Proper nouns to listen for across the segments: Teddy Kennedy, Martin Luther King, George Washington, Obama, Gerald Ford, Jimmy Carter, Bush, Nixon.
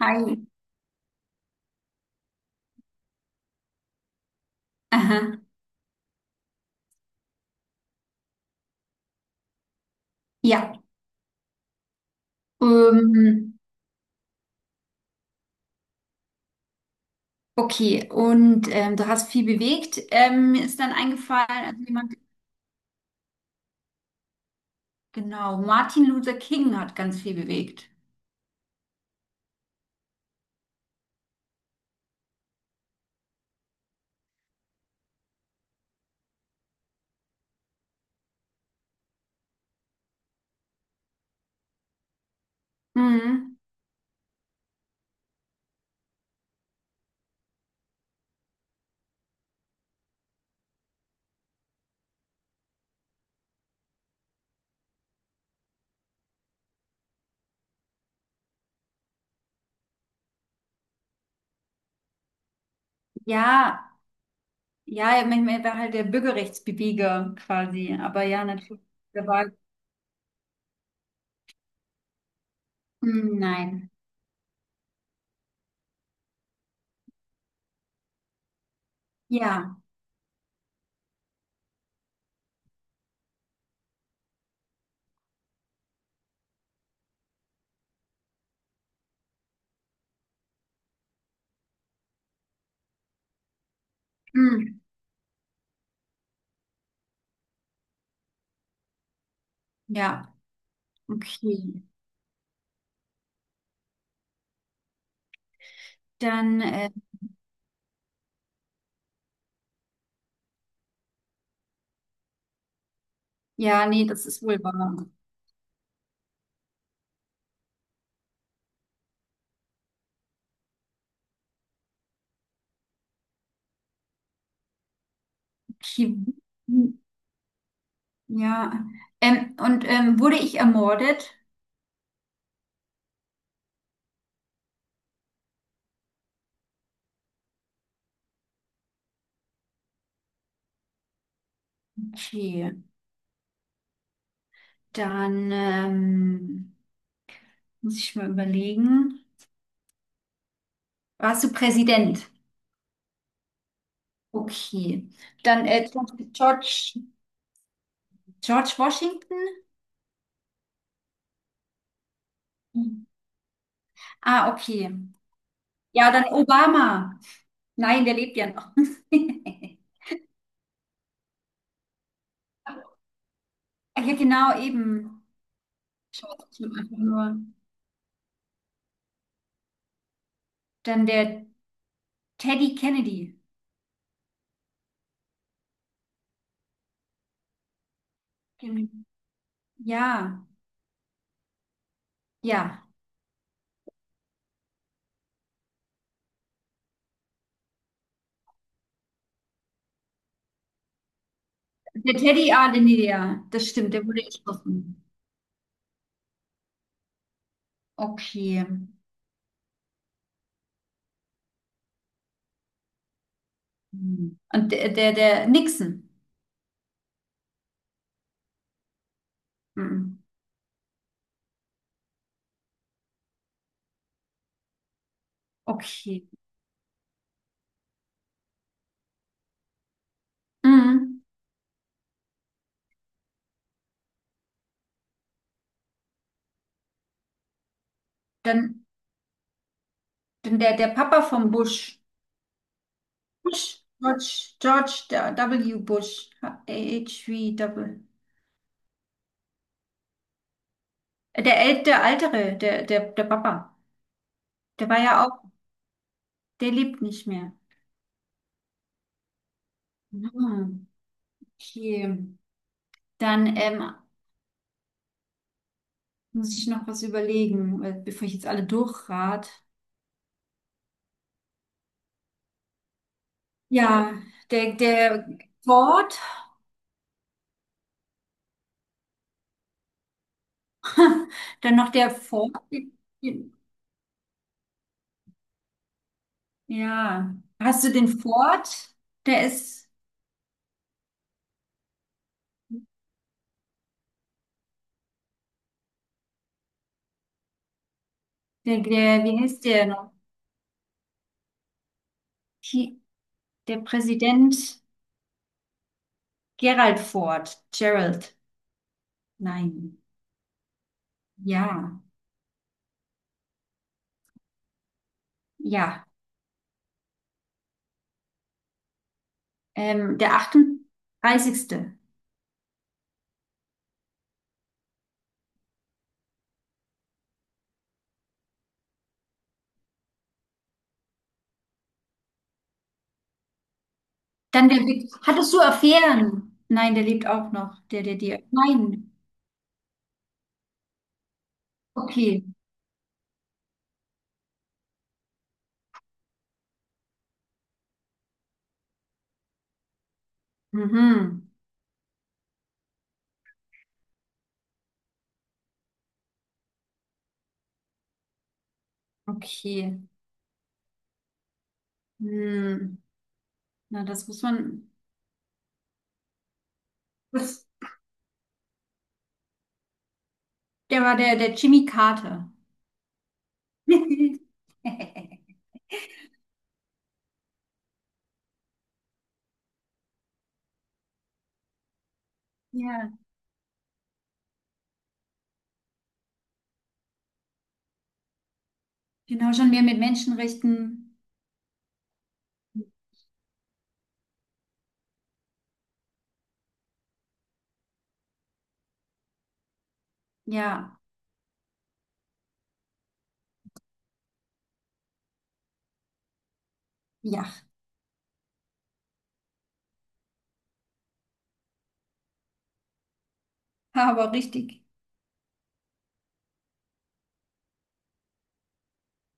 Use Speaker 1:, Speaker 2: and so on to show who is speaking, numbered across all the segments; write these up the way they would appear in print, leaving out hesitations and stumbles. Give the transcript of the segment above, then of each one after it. Speaker 1: Hi. Aha. Ja. Ähm, okay. Und du hast viel bewegt. Mir ist dann eingefallen, also jemand, genau, Martin Luther King hat ganz viel bewegt. Mhm. Ja, ja, er war halt der Bürgerrechtsbeweger quasi. Aber ja, natürlich. Der war, hm, nein. Ja. Hm, ja. Okay. Dann, ja, nee, das ist wohl wahr. Okay. Hm, ja. Und wurde ich ermordet? Okay. Dann muss ich mal überlegen. Warst du Präsident? Okay. Dann George, George Washington? Mhm. Ah, okay. Ja, dann Obama. Nein, der lebt ja noch. Ah, ja, genau, eben. Schaut einfach nur. Dann der Teddy Kennedy. Den- ja, ja. Der Teddy, ah, den, ja, das stimmt, der wurde erschossen. Okay. Hm. Und der Nixon. Mhm. Okay. Mhm. Dann, dann der Papa vom Bush. Bush, George der W. Bush. H-W. Double. Der, äl- der Ältere, der Papa. Der war ja auch, der lebt nicht mehr. Mhm. Okay. Dann muss ich noch was überlegen, weil- bevor ich jetzt alle durchrat. Ja, der Ford. Dann noch der Ford. Ja. Hast du den Ford? Der ist. Wie heißt der noch? Hi- Der Präsident Gerald Ford. Gerald. Nein. Ja. Ja. Der 38. Dann der, hattest du Affären? Nein, der lebt auch noch. Dir. Nein. Okay. Mhm. Okay. Hm. Na, das muss man. Das, der Jimmy Carter. Ja, genau, schon mehr mit Menschenrechten. Ja, ja, aber richtig.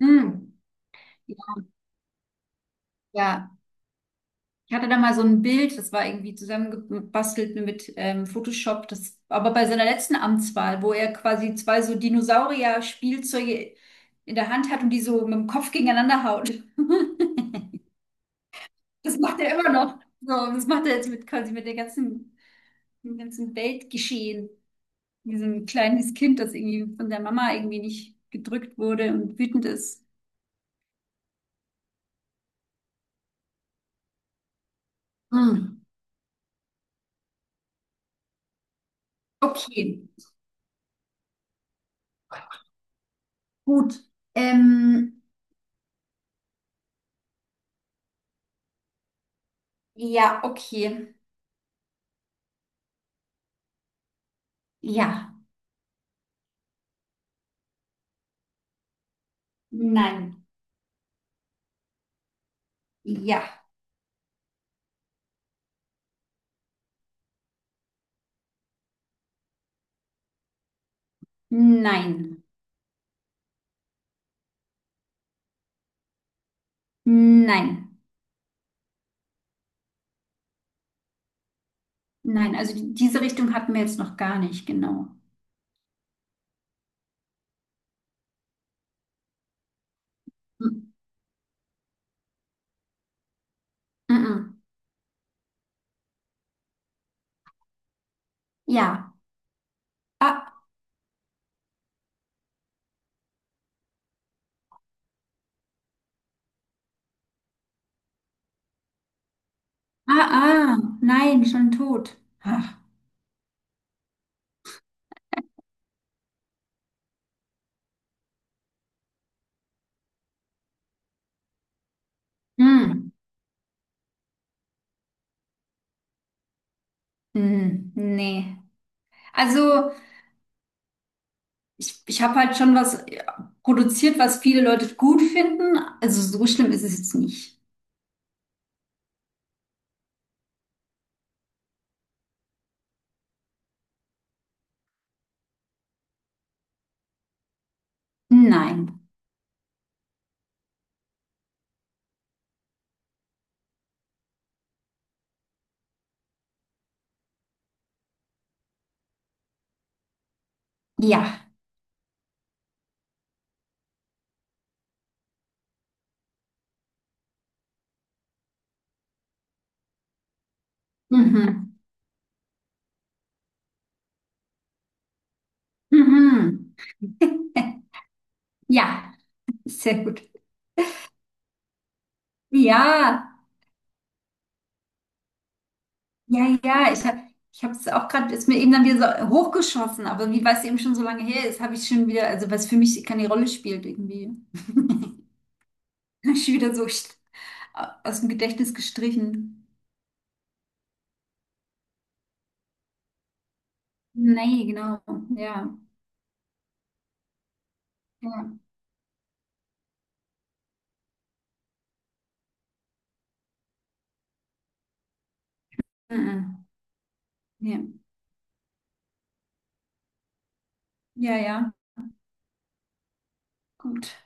Speaker 1: Hm. Ja, ja. Ich hatte da mal so ein Bild, das war irgendwie zusammengebastelt mit Photoshop, das, aber bei seiner letzten Amtswahl, wo er quasi zwei so Dinosaurier-Spielzeuge in der Hand hat und die so mit dem Kopf gegeneinander haut. Das macht er immer noch. So, das macht er jetzt mit quasi mit dem ganzen Weltgeschehen. Diesem kleines Kind, das irgendwie von der Mama irgendwie nicht gedrückt wurde und wütend ist. Hm. Okay, gut. Ähm, ja, okay. Ja, nein, ja, nein, nein, nein. Also die- diese Richtung hatten wir jetzt noch gar nicht, genau. Mm, mm, mm. Ja, ah, ah, ah, nein, schon tot. Ach. Mm, mm, nee. Also ich habe halt schon was ja, produziert, was viele Leute gut finden. Also so schlimm ist es jetzt nicht. Nein, ja, mhm, mhm. Ja, sehr gut. Ja. Ja, ja, ich es auch gerade, ist mir eben dann wieder so hochgeschossen, aber wie weil es eben schon so lange her ist, habe ich schon wieder, also was für mich keine Rolle spielt irgendwie, habe ich wieder so st- aus dem Gedächtnis gestrichen. Nee, genau, ja, ja, mhm. Ja, ja, ja, gut.